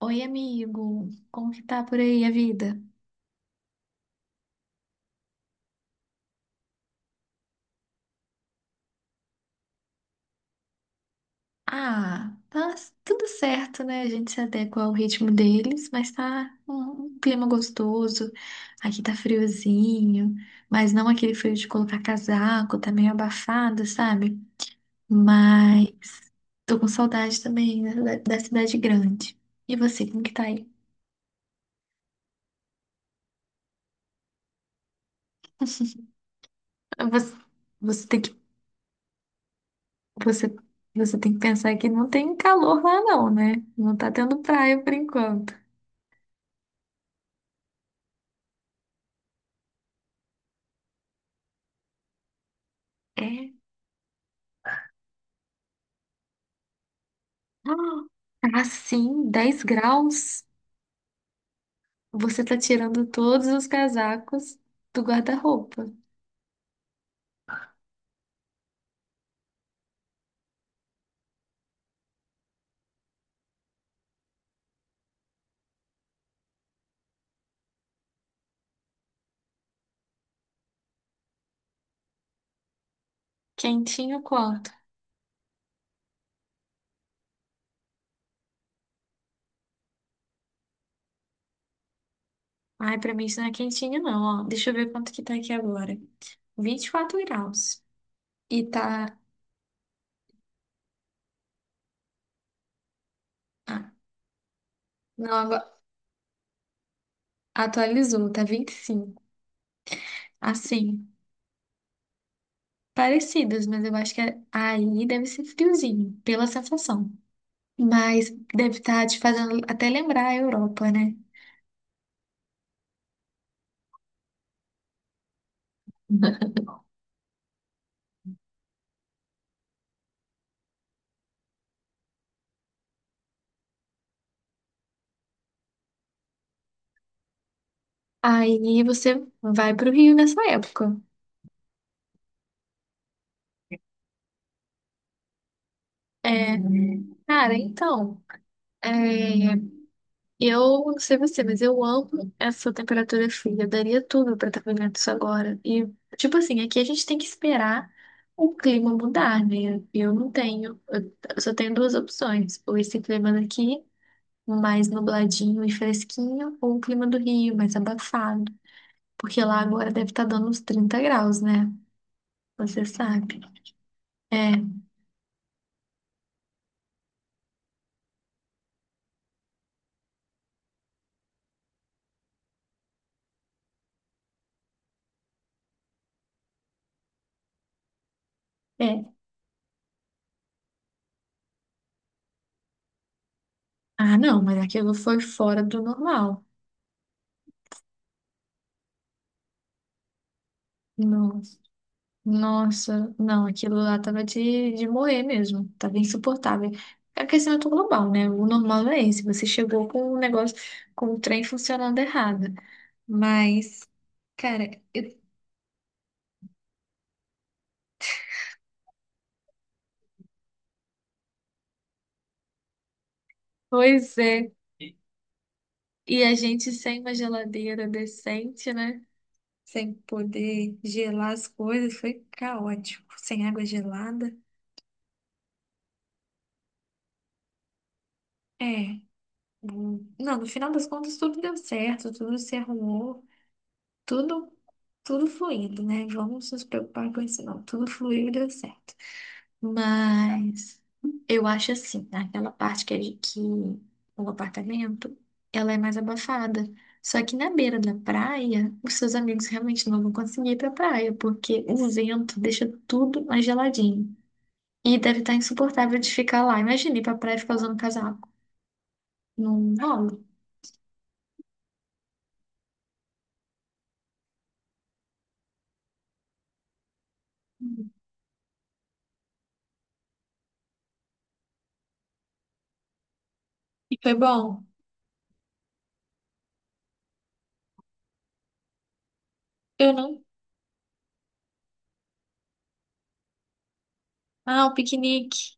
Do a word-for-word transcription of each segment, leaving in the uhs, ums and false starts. Oi, amigo. Como que tá por aí a vida? Ah, tá tudo certo, né? A gente se adequa ao ritmo deles, mas tá um um clima gostoso. Aqui tá friozinho, mas não aquele frio de colocar casaco, tá meio abafado, sabe? Mas tô com saudade também né, da, da cidade grande. E você, como que tá aí? Você, você tem que, você, você tem que pensar que não tem calor lá não, né? Não tá tendo praia por enquanto. É. Ah, assim, dez graus. Você tá tirando todos os casacos do guarda-roupa. Quentinho quanto? Ai, pra mim isso não é quentinho, não, ó. Deixa eu ver quanto que tá aqui agora. Vinte e quatro graus. E tá. Ah, não, agora atualizou, tá vinte e cinco. Assim, parecidas, mas eu acho que é- aí deve ser friozinho, pela sensação. Mas deve estar te fazendo até lembrar a Europa, né? Aí você vai pro Rio nessa época. É, cara, então, é, eu não sei você, mas eu amo essa temperatura fria. Eu daria tudo pra estar vivendo isso agora. E, tipo assim, aqui a gente tem que esperar o clima mudar, né? Eu não tenho, eu só tenho duas opções: ou esse clima daqui, mais nubladinho e fresquinho, ou o clima do Rio, mais abafado. Porque lá agora deve estar dando uns trinta graus, né? Você sabe. É, é. Ah, não, mas aquilo foi fora do normal. Não. Nossa, não, aquilo lá tava de, de morrer mesmo, tava insuportável. É um aquecimento global, né? O normal é esse, você chegou com o negócio, com o trem funcionando errado. Mas, cara, eu- pois é. E a gente sem uma geladeira decente, né? Sem poder gelar as coisas, foi caótico. Sem água gelada. É. Hum, não, no final das contas tudo deu certo, tudo se arrumou. tudo, tudo fluindo, né? Vamos nos preocupar com isso, não. Tudo fluiu e deu certo. Mas eu acho assim, aquela parte que, é de- que o apartamento, ela é mais abafada. Só que na beira da praia, os seus amigos realmente não vão conseguir ir pra praia, porque o vento deixa tudo mais geladinho. E deve estar insuportável de ficar lá. Imagina ir pra praia e ficar usando casaco. Não rola. E foi bom. Eu não. Ah, o piquenique.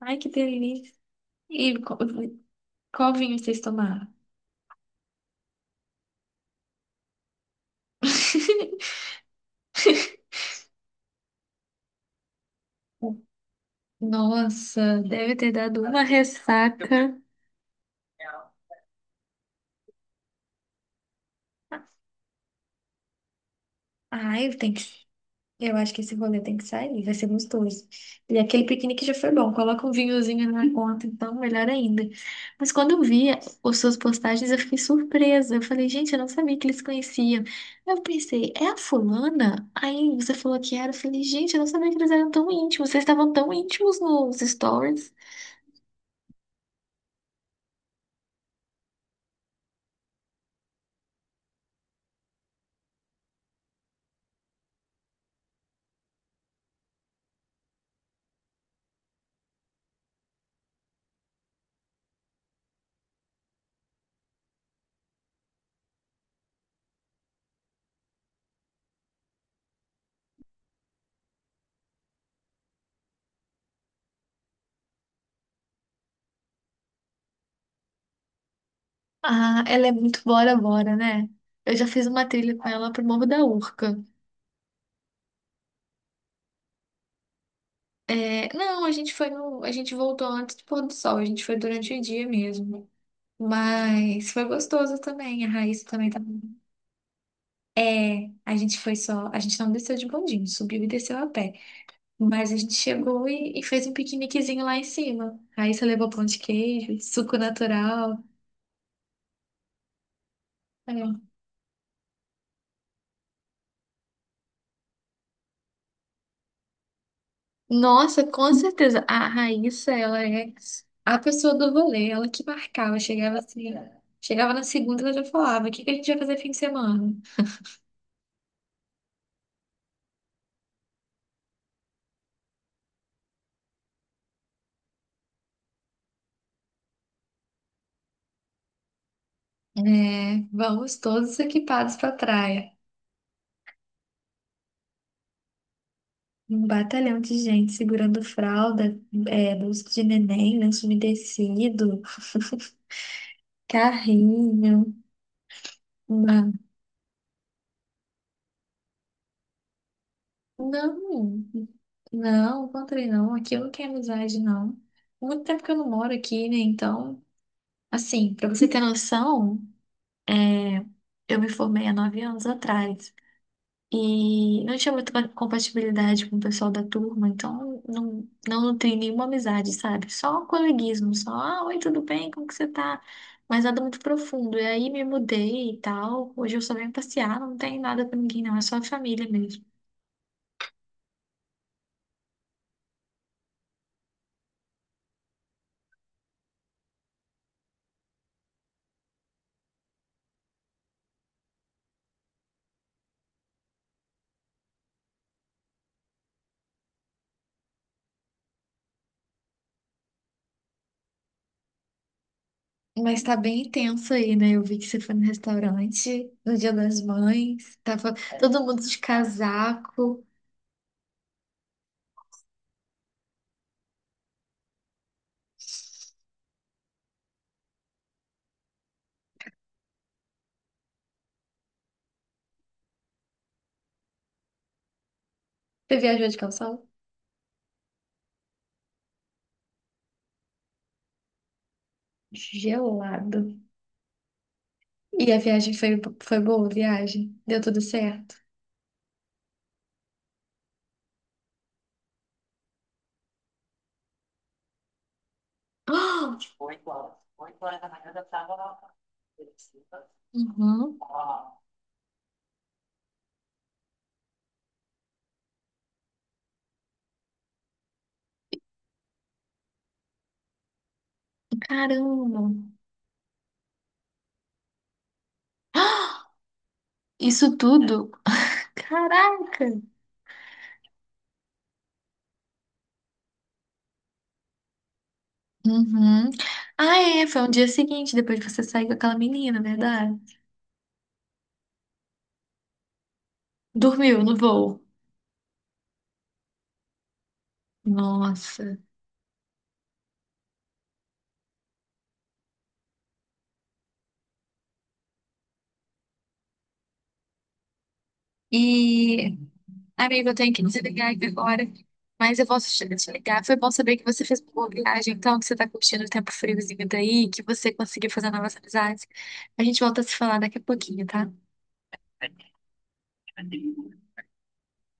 Ai, que delícia. E qual, qual vinho vocês tomaram? Nossa, deve ter dado uma ressaca. Ai, tem que. Eu acho que esse rolê tem que sair, vai ser gostoso. E aquele piquenique já foi bom, coloca um vinhozinho na conta, então melhor ainda. Mas quando eu vi as suas postagens, eu fiquei surpresa. Eu falei, gente, eu não sabia que eles se conheciam. Eu pensei, é a fulana? Aí você falou que era. Eu falei, gente, eu não sabia que eles eram tão íntimos. Vocês estavam tão íntimos nos stories. Ah, ela é muito bora bora, né? Eu já fiz uma trilha com ela pro Morro da Urca. É, não, a gente foi no, a gente voltou antes do pôr do sol, a gente foi durante o dia mesmo. Mas foi gostoso também, a Raíssa também tava. É, a gente foi só, a gente não desceu de bondinho, subiu e desceu a pé. Mas a gente chegou e, e fez um piqueniquezinho lá em cima. A Raíssa levou pão de queijo, suco natural. É. Nossa, com certeza. A Raíssa, ela é a pessoa do rolê, ela que marcava, chegava assim, chegava na segunda, ela já falava, o que que a gente vai fazer fim de semana? É, vamos todos equipados pra praia. Um batalhão de gente segurando fralda, é, bolsa de neném, lenço umedecido, carrinho. Uma... Não, não, encontrei não. Aqui eu não quero amizade, não. Muito tempo que eu não moro aqui, né? Então, assim, pra você ter noção. Eu me formei há nove anos atrás e não tinha muita compatibilidade com o pessoal da turma, então não, não nutri nenhuma amizade, sabe? Só um coleguismo, só, ah, oi, tudo bem? Como que você tá? Mas nada muito profundo. E aí me mudei e tal. Hoje eu só venho passear, não tem nada com ninguém, não, é só a família mesmo. Mas tá bem intenso aí, né? Eu vi que você foi no restaurante no Dia das Mães, tava todo mundo de casaco. Você viajou de calção? Gelado. E a viagem foi, foi boa, a viagem? Deu tudo certo? Ah! Uhum. Caramba! Isso tudo? Caraca! Uhum. Ah, é, foi um dia seguinte, depois de você sair com aquela menina, verdade? Dormiu no voo. Nossa. E amigo, eu tenho que desligar aqui agora, mas eu posso te te ligar. Foi bom saber que você fez uma boa viagem, então, que você tá curtindo o tempo friozinho daí, que você conseguiu fazer novas amizades. A gente volta a se falar daqui a pouquinho, tá?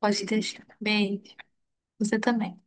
Pode deixar. Beijo. Você também.